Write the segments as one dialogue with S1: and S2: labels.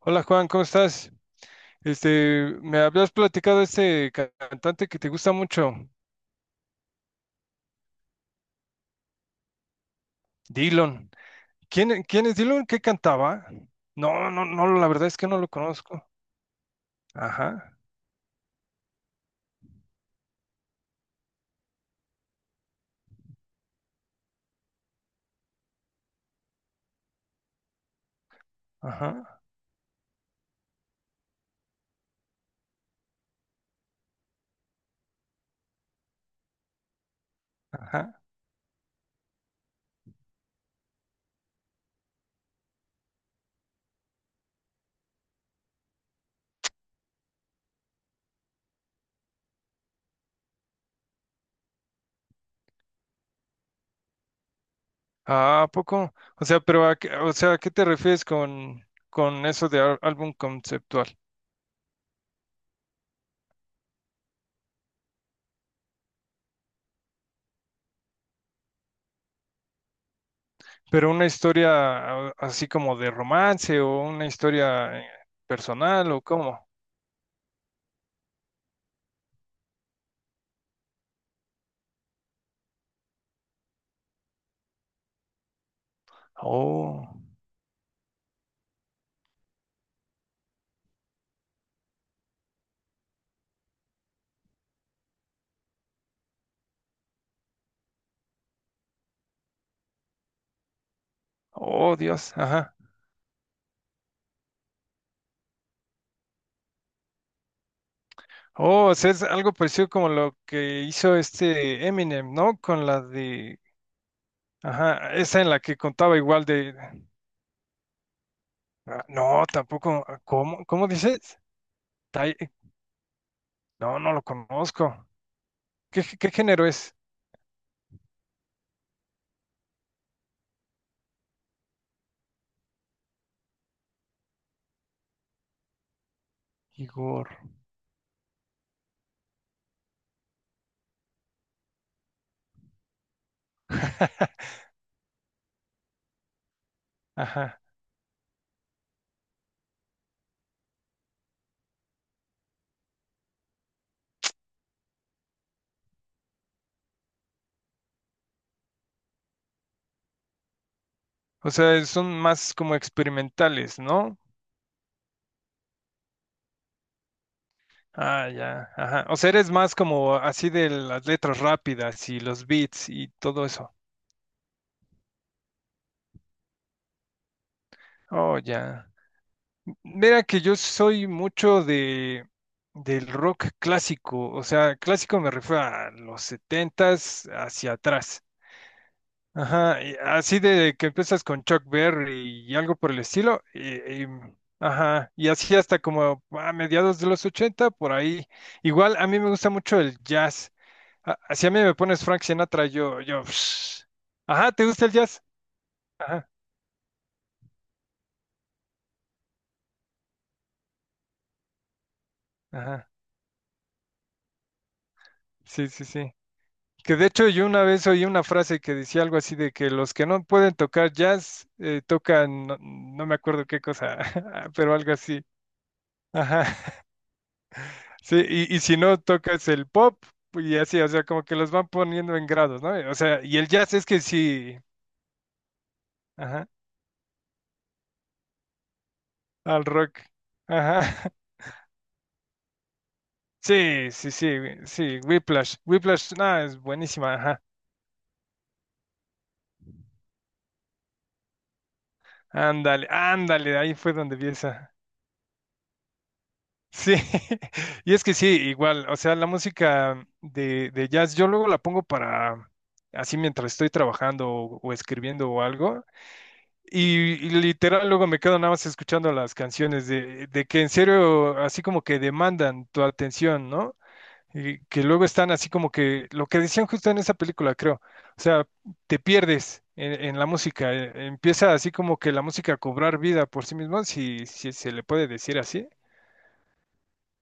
S1: Hola Juan, ¿cómo estás? Me habías platicado de este cantante que te gusta mucho, Dylan. ¿Quién, quién es Dylan? ¿Qué cantaba? No, no, no, la verdad es que no lo conozco. Ajá, ajá, ajá. Ah, ¿a poco? O sea, pero a qué, o sea, ¿a qué te refieres con eso de álbum conceptual? ¿Pero una historia así como de romance o una historia personal o cómo? Oh, oh, Dios. Oh, o sea, es algo parecido como lo que hizo este Eminem, ¿no? Con la de, ajá, esa en la que contaba igual de, ah, no, tampoco, ah, ¿cómo, cómo dices? Tai- eh, No, no lo conozco. ¿Qué, qué género es? Igor. Ajá. O sea, son más como experimentales, ¿no? Ah, ya, ajá. O sea, eres más como así de las letras rápidas y los beats y todo eso. Oh, ya. Mira que yo soy mucho de del rock clásico, o sea, clásico me refiero a los setentas hacia atrás. Ajá, y así de que empiezas con Chuck Berry y algo por el estilo, y, ajá, y así hasta como a mediados de los ochenta, por ahí. Igual a mí me gusta mucho el jazz. Así a mí me pones Frank Sinatra, yo, ajá, ¿te gusta el jazz? Ajá, ajá, sí, sí, sí. Que de hecho yo una vez oí una frase que decía algo así de que los que no pueden tocar jazz tocan, no, no me acuerdo qué cosa, pero algo así. Ajá. Sí, y si no tocas el pop pues, y así, o sea, como que los van poniendo en grados, ¿no? O sea, y el jazz es que sí, ajá, al rock. Ajá. Sí, sí, sí, sí, Whiplash. Whiplash, no, es buenísima, ajá. Ándale, ándale, ahí fue donde vi esa. Sí, y es que sí, igual, o sea, la música de jazz, yo luego la pongo para, así mientras estoy trabajando o escribiendo o algo, y, y literal luego me quedo nada más escuchando las canciones de que en serio, así como que demandan tu atención, ¿no? Y que luego están así como que, lo que decían justo en esa película, creo, o sea, te pierdes en la música, empieza así como que la música a cobrar vida por sí misma, si, si se le puede decir así.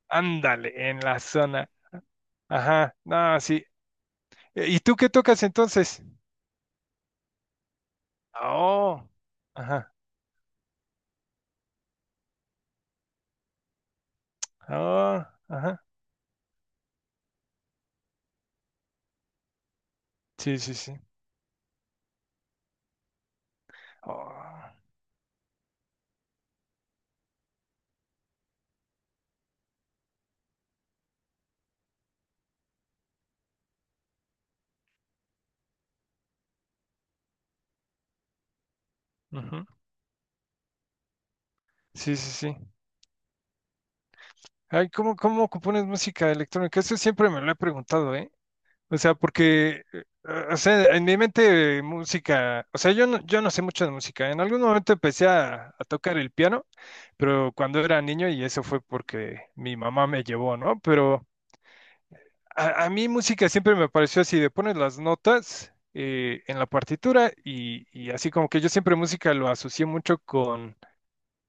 S1: Ándale, en la zona. Ajá, no, sí. ¿Y tú qué tocas entonces? Oh, ajá, oh, ajá. Sí, sí, sí. Oh, ujú. Sí, sí, sí. Ay, ¿cómo, cómo compones música electrónica? Eso siempre me lo he preguntado, ¿eh? O sea, porque, o sea, en mi mente música, o sea, yo no, yo no sé mucho de música. En algún momento empecé a tocar el piano, pero cuando era niño y eso fue porque mi mamá me llevó, ¿no? Pero A, a mí música siempre me pareció así, de pones las notas en la partitura y así como que yo siempre música lo asocié mucho con,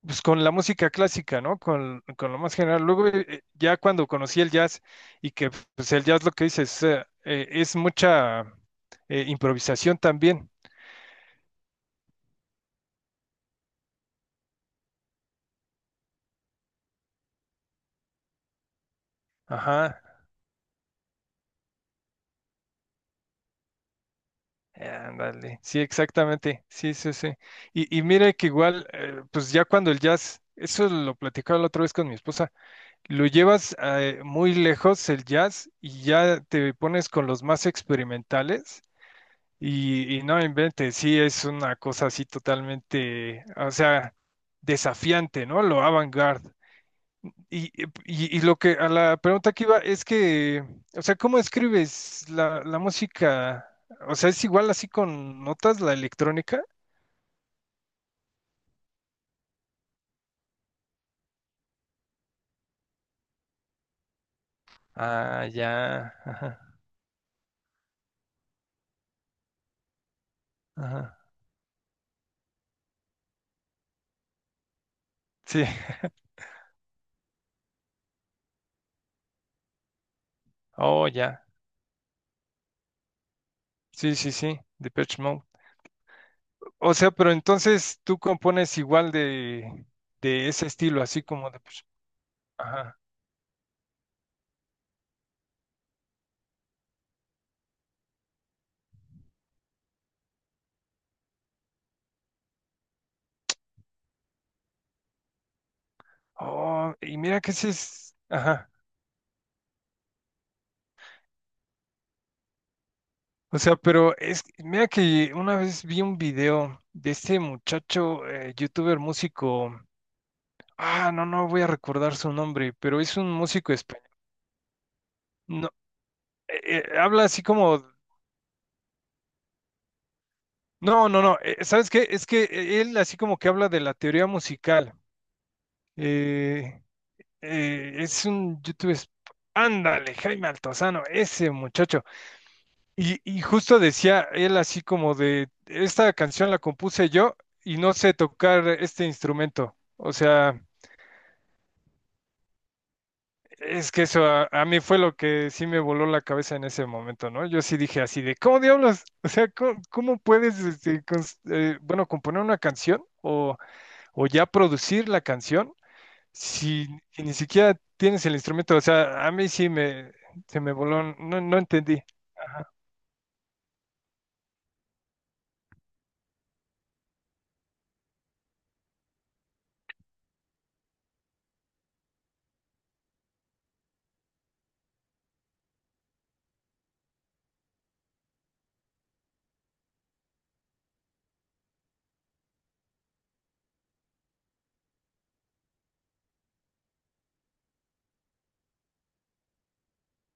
S1: pues, con la música clásica, ¿no? Con lo más general. Luego ya cuando conocí el jazz y que pues el jazz lo que dice es mucha improvisación también. Ajá. Ándale, sí, exactamente, sí, sí, sí. Y mire que igual, pues ya cuando el jazz, eso lo platicaba la otra vez con mi esposa, Lo llevas muy lejos el jazz y ya te pones con los más experimentales y no inventes, sí, es una cosa así totalmente, o sea, desafiante, ¿no? Lo avant-garde. Y, y lo que a la pregunta que iba es que, o sea, ¿cómo escribes la, la música? O sea, ¿es igual así con notas la electrónica? Ah, ya, ajá, ajá. Sí, oh, ya, sí, sí, sí, Depeche Mode. O sea, pero entonces tú compones igual de ese estilo, así como de, pues, ajá. Oh, y mira que ese es, ajá. O sea, pero es, mira que una vez vi un video de este muchacho, youtuber músico, ah, no, no voy a recordar su nombre, pero es un músico español. No, eh, habla así como, no, no, no, ¿sabes qué? Es que él así como que habla de la teoría musical. Eh, es un youtuber. Ándale, Jaime Altozano, ese muchacho. Y justo decía él así como de, esta canción la compuse yo y no sé tocar este instrumento. O sea, es que eso a mí fue lo que sí me voló la cabeza en ese momento, ¿no? Yo sí dije así de, ¿cómo diablos? O sea, ¿cómo, cómo puedes, este, bueno, componer una canción o ya producir la canción si, si ni siquiera tienes el instrumento, o sea, a mí sí me, se me voló, no, no entendí,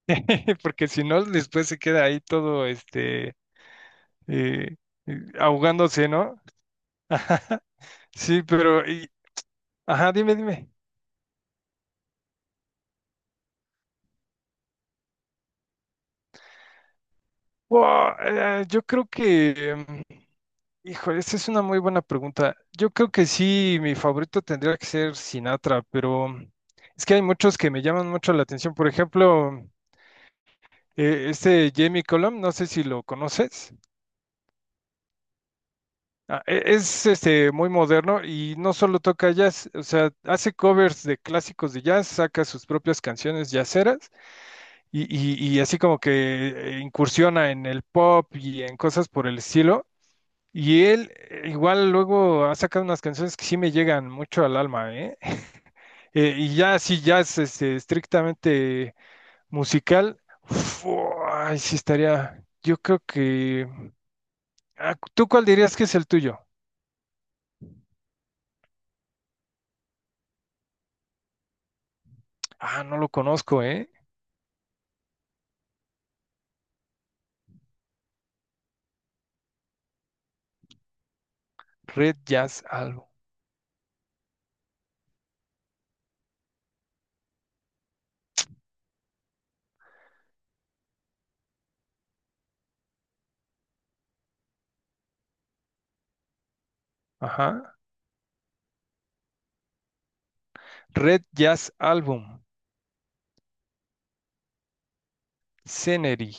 S1: porque si no, después se queda ahí todo, este, eh, ahogándose, ¿no? Sí, pero, ajá, dime, dime. Wow, yo creo que, híjole, esta es una muy buena pregunta. Yo creo que sí, mi favorito tendría que ser Sinatra, pero es que hay muchos que me llaman mucho la atención. Por ejemplo, este Jamie Cullum, no sé si lo conoces. Ah, Es este muy moderno y no solo toca jazz, o sea, hace covers de clásicos de jazz, saca sus propias canciones jazzeras y, y así como que incursiona en el pop y en cosas por el estilo. Y él igual luego ha sacado unas canciones que sí me llegan mucho al alma, ¿eh? Y ya así jazz este, estrictamente musical, uf, ay, sí estaría, yo creo que... ah, ¿Tú cuál dirías que es el tuyo? Ah, no lo conozco, ¿eh? Red Jazz Album. Ajá. Red Jazz Album. Scenery.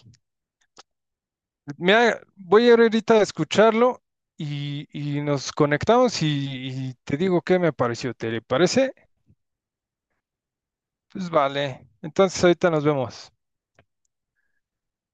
S1: Mira, voy a ir ahorita a escucharlo y nos conectamos y te digo qué me pareció. ¿Te parece? Pues vale. Entonces ahorita nos vemos.